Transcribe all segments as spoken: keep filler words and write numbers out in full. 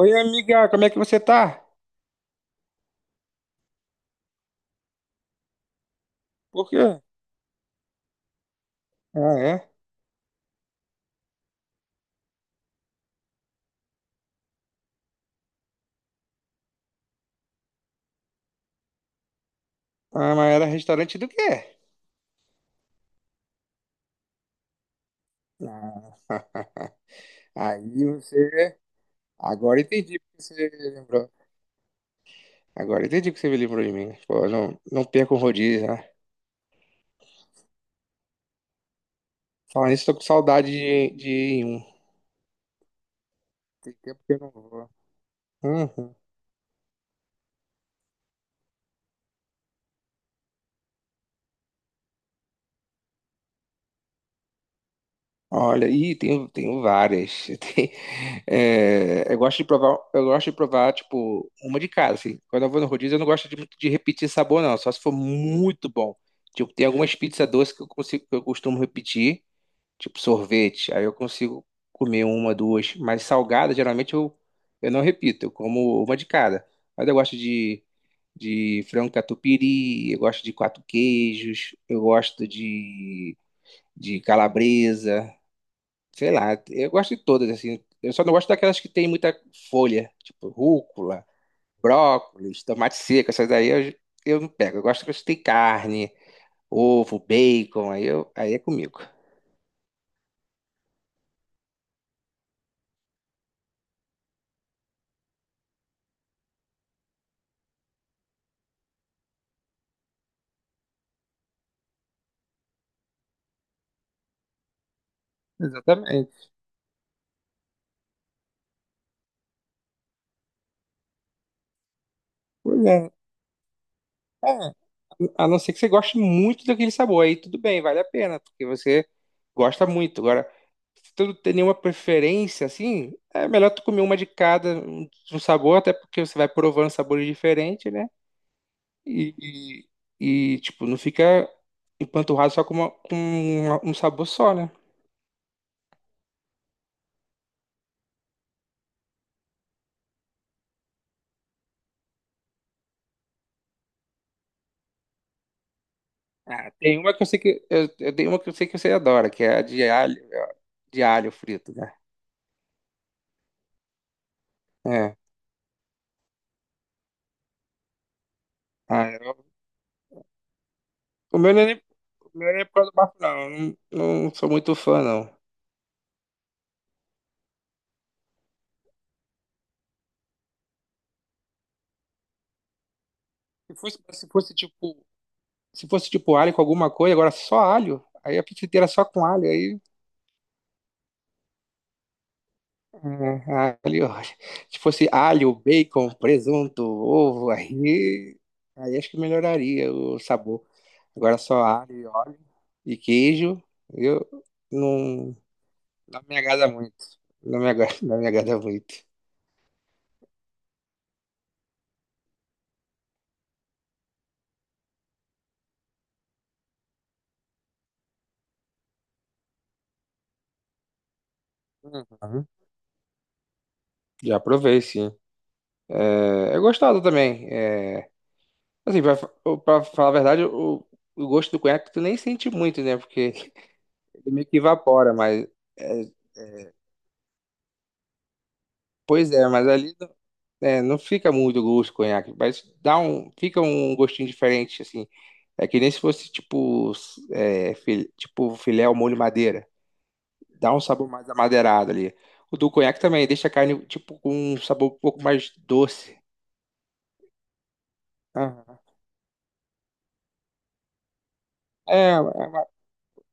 Oi, amiga, como é que você tá? Por quê? Ah, é? Ah, mas era restaurante do quê? Ah, aí você. Agora entendi porque você lembrou. Agora entendi porque você me lembrou de mim. Pô, não, não perco o rodízio, né? Falar nisso, tô com saudade de, de ir em um. Tem tempo que eu não vou. Uhum. Olha, e tenho, tenho várias. Tem- é, eu gosto de provar, eu gosto de provar, tipo, uma de cada, assim. Quando eu vou no rodízio, eu não gosto de, muito de repetir sabor, não. Só se for muito bom. Tipo, tem algumas pizzas doces que eu consigo, que eu costumo repetir, tipo sorvete. Aí eu consigo comer uma, duas. Mas salgada, geralmente eu, eu não repito. Eu como uma de cada. Mas eu gosto de, de frango catupiry, eu gosto de quatro queijos, eu gosto de, de calabresa. Sei lá, eu gosto de todas, assim. Eu só não gosto daquelas que tem muita folha, tipo rúcula, brócolis, tomate seco, essas daí eu, eu não pego. Eu gosto que tem carne, ovo, bacon, aí, eu, aí é comigo. Exatamente. Pois é. É, a não ser que você goste muito daquele sabor, aí tudo bem, vale a pena, porque você gosta muito. Agora, se tu não tem nenhuma preferência, assim, é melhor tu comer uma de cada um um sabor, até porque você vai provando sabores diferentes, né? E, e, tipo, não fica empanturrado só com, uma- com uma- um sabor só, né? Ah, tem uma que eu sei que eu, eu tenho uma que eu sei que você adora, que é a de alho, de alho frito, né? É. Ah, eu- o meu não é, nem- o meu não é por causa do bafo, não. Eu Não, não sou muito fã, não. Se fosse, se fosse tipo, se fosse tipo alho com alguma coisa, agora só alho. Aí a pizza inteira só com alho, aí. Ah, alho, ó. Se fosse alho, bacon, presunto, ovo, aí, aí acho que melhoraria o sabor. Agora só alho e óleo e queijo. Eu não, Não me agrada muito. Não me agrada, não me agrada muito. Uhum. Já provei, sim. É, é gostado também. É, assim, pra, pra falar a verdade, o, o gosto do conhaque tu nem sente muito, né? Porque ele meio que evapora, mas. É, pois é, mas ali não- é, não fica muito gosto do conhaque, mas dá um, fica um gostinho diferente, assim. É que nem se fosse tipo, é, fil- tipo filé ao molho madeira. Dá um sabor mais amadeirado ali. O do conhaque também deixa a carne tipo com um sabor um pouco mais doce. Aham. É,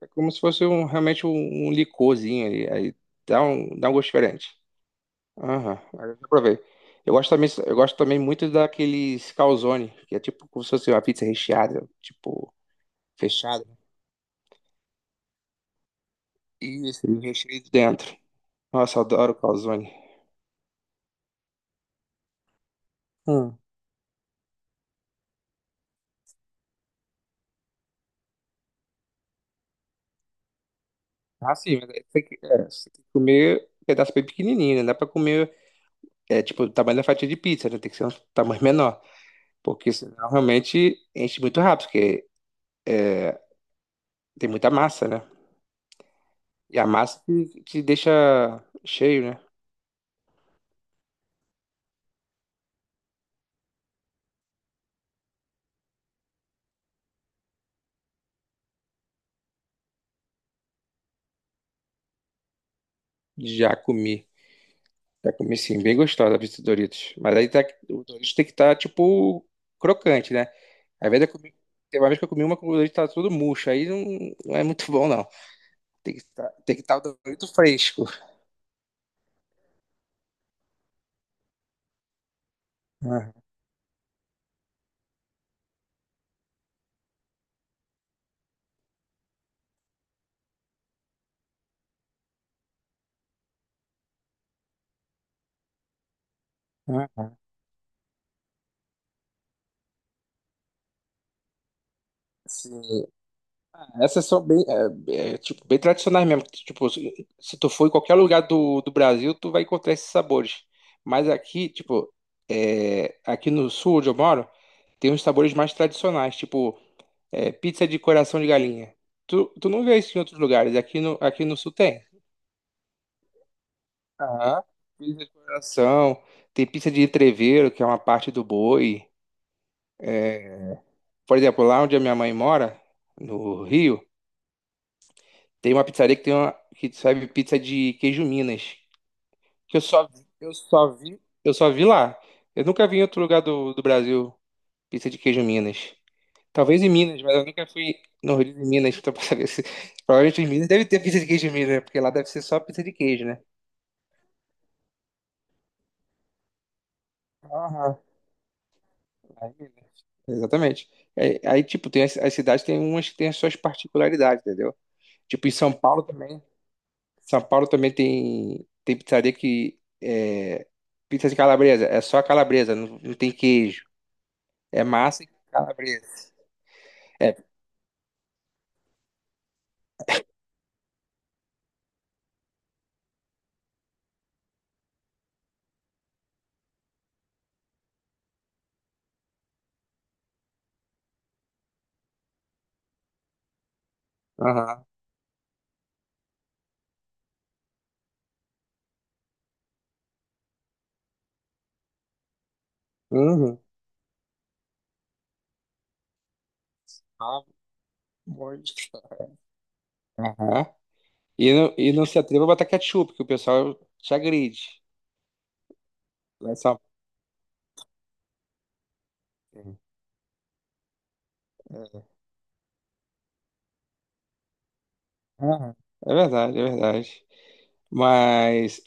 é como se fosse um, realmente um, um licorzinho ali. Aí dá um, dá um gosto diferente. Aham, aí eu já provei. Eu gosto também, eu gosto também muito daqueles calzone, que é tipo como se fosse uma pizza recheada, tipo, fechada. Isso, e o recheio dentro. Nossa, eu adoro calzone. Hum. Ah, sim, mas aí tem que, é, você tem que comer um pedaço bem pequenininho, né? Dá pra comer É tipo o tamanho da fatia de pizza, né? Tem que ser um tamanho menor. Porque senão realmente enche muito rápido, porque é, tem muita massa, né? E a massa te, te deixa cheio, né? Já comi. Já comi, sim, bem gostosa a pizza Doritos. Mas aí tá, o Doritos tem que estar, tipo, crocante, né? Às vezes eu comi. Teve uma vez que eu comi uma com o Doritos tá todo murcho. Aí não, não é muito bom, não. Tem que estar tem que tá o Dorito fresco. Aham. Sim. Essas são bem, é, é, tipo, bem tradicionais mesmo. Tipo, se se tu for em qualquer lugar do, do Brasil, tu vai encontrar esses sabores. Mas aqui, tipo, é, aqui no sul onde eu moro, tem uns sabores mais tradicionais, tipo, é, pizza de coração de galinha. Tu, tu não vê isso em outros lugares. Aqui no, aqui no sul tem. Aham. Pizza de coração, tem pizza de entrevero, que é uma parte do boi. É, por exemplo, lá onde a minha mãe mora, no Rio, tem uma pizzaria que tem uma, que serve pizza de queijo Minas. Que eu só, eu só vi, eu só vi lá. Eu nunca vi em outro lugar do, do Brasil pizza de queijo Minas. Talvez em Minas, mas eu nunca fui no Rio de Minas, então pra saber se. Provavelmente em Minas deve ter pizza de queijo em Minas, né? Porque lá deve ser só pizza de queijo, né? Aham. Lá em Minas. Exatamente. É, aí, tipo, tem as, as cidades tem umas que tem as suas particularidades, entendeu? Tipo, em São Paulo também. São Paulo também tem, tem pizzaria que é pizza de calabresa. É só calabresa, não, não tem queijo. É massa e calabresa. É. Aham. Uhum. Pelo amor de Deus. Aham. E não, e não se atreva a botar ketchup, que o pessoal te agride. Lá em São Paulo. Aham. É verdade, é verdade. Mas,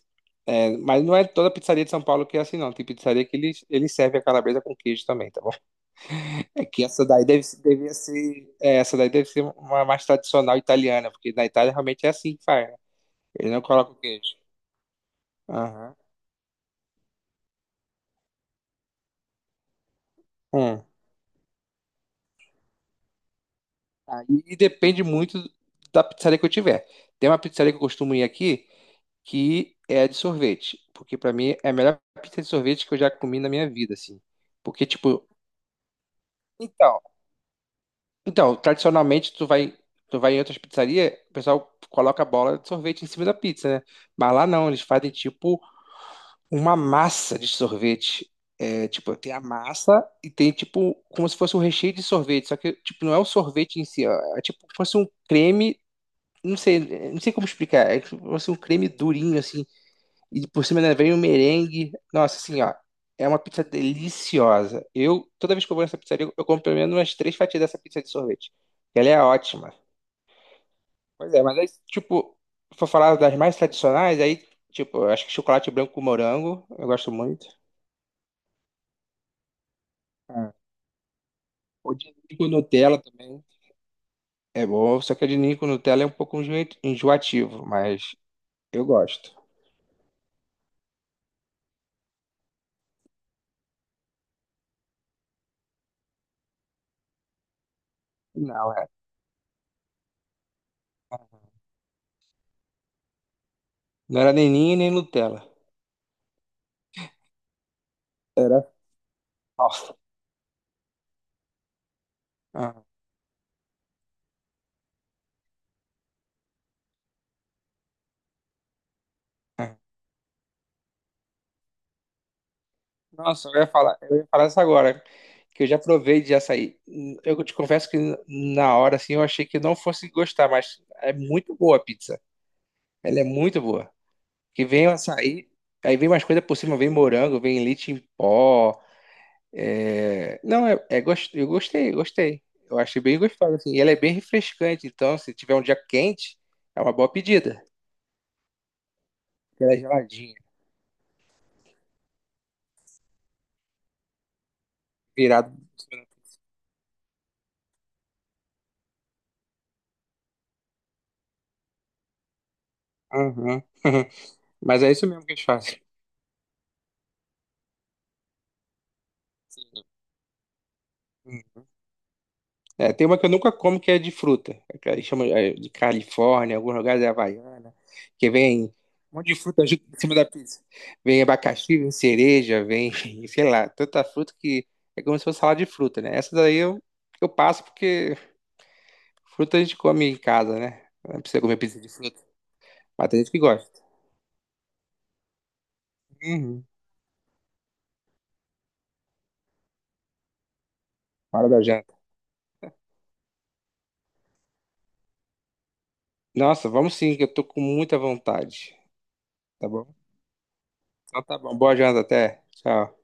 é, mas não é toda pizzaria de São Paulo que é assim, não. Tem pizzaria que eles, eles servem a calabresa com queijo também, tá bom? É que essa daí deve, devia ser, é, essa daí deve ser uma mais tradicional italiana, porque na Itália realmente é assim que faz, né? Eles não colocam queijo. Aham. Hum. Aí depende muito da pizzaria que eu tiver. Tem uma pizzaria que eu costumo ir aqui que é a de sorvete, porque pra mim é a melhor pizza de sorvete que eu já comi na minha vida, assim. Porque tipo, então, então, tradicionalmente tu vai, tu vai em outras pizzarias, o pessoal coloca a bola de sorvete em cima da pizza, né? Mas lá não, eles fazem tipo uma massa de sorvete. É, tipo, tem a massa e tem tipo como se fosse um recheio de sorvete, só que tipo não é o sorvete em si, ó, é tipo como se fosse um creme. Não sei, não sei como explicar. É tipo assim, um creme durinho, assim. E por cima ainda vem um merengue. Nossa, assim, ó. É uma pizza deliciosa. Eu, toda vez que eu vou nessa pizzaria, eu eu compro pelo menos umas três fatias dessa pizza de sorvete. Ela é ótima. Pois é, mas aí, tipo, se for falar das mais tradicionais, aí, tipo, eu acho que chocolate branco com morango, eu gosto muito. Ah. O de ninho com Nutella também é bom, só que o de ninho com Nutella é um pouco enjoa- enjoativo, mas eu gosto. Não, é. Não era nem ninho nem Nutella. Era. Ah, ah. Nossa, eu ia falar, eu ia falar isso agora, que eu já provei de açaí. Eu te confesso que na hora, assim, eu achei que não fosse gostar, mas é muito boa a pizza. Ela é muito boa. Que vem o açaí, aí vem mais coisa por cima, vem morango, vem leite em pó. é, Não, é, é gost- eu gostei, gostei. Eu achei bem gostosa, assim. E ela é bem refrescante, então se tiver um dia quente, é uma boa pedida. Ela é geladinha, virado. Aham. Mas é isso mesmo que eles fazem. É, tem uma que eu nunca como que é de fruta, que eles chamam, é, de Califórnia, alguns lugares é Havaiana, que vem um monte de fruta junto em cima da pizza. Vem abacaxi, vem cereja, vem, sei lá, tanta fruta que é como se fosse salada de fruta, né? Essa daí eu, eu passo porque fruta a gente come em casa, né? Não precisa comer pizza de fruta. Mas tem gente que gosta. Uhum. Hora da janta. Nossa, vamos, sim, que eu tô com muita vontade. Tá bom? Então tá bom. Boa janta até. Tchau.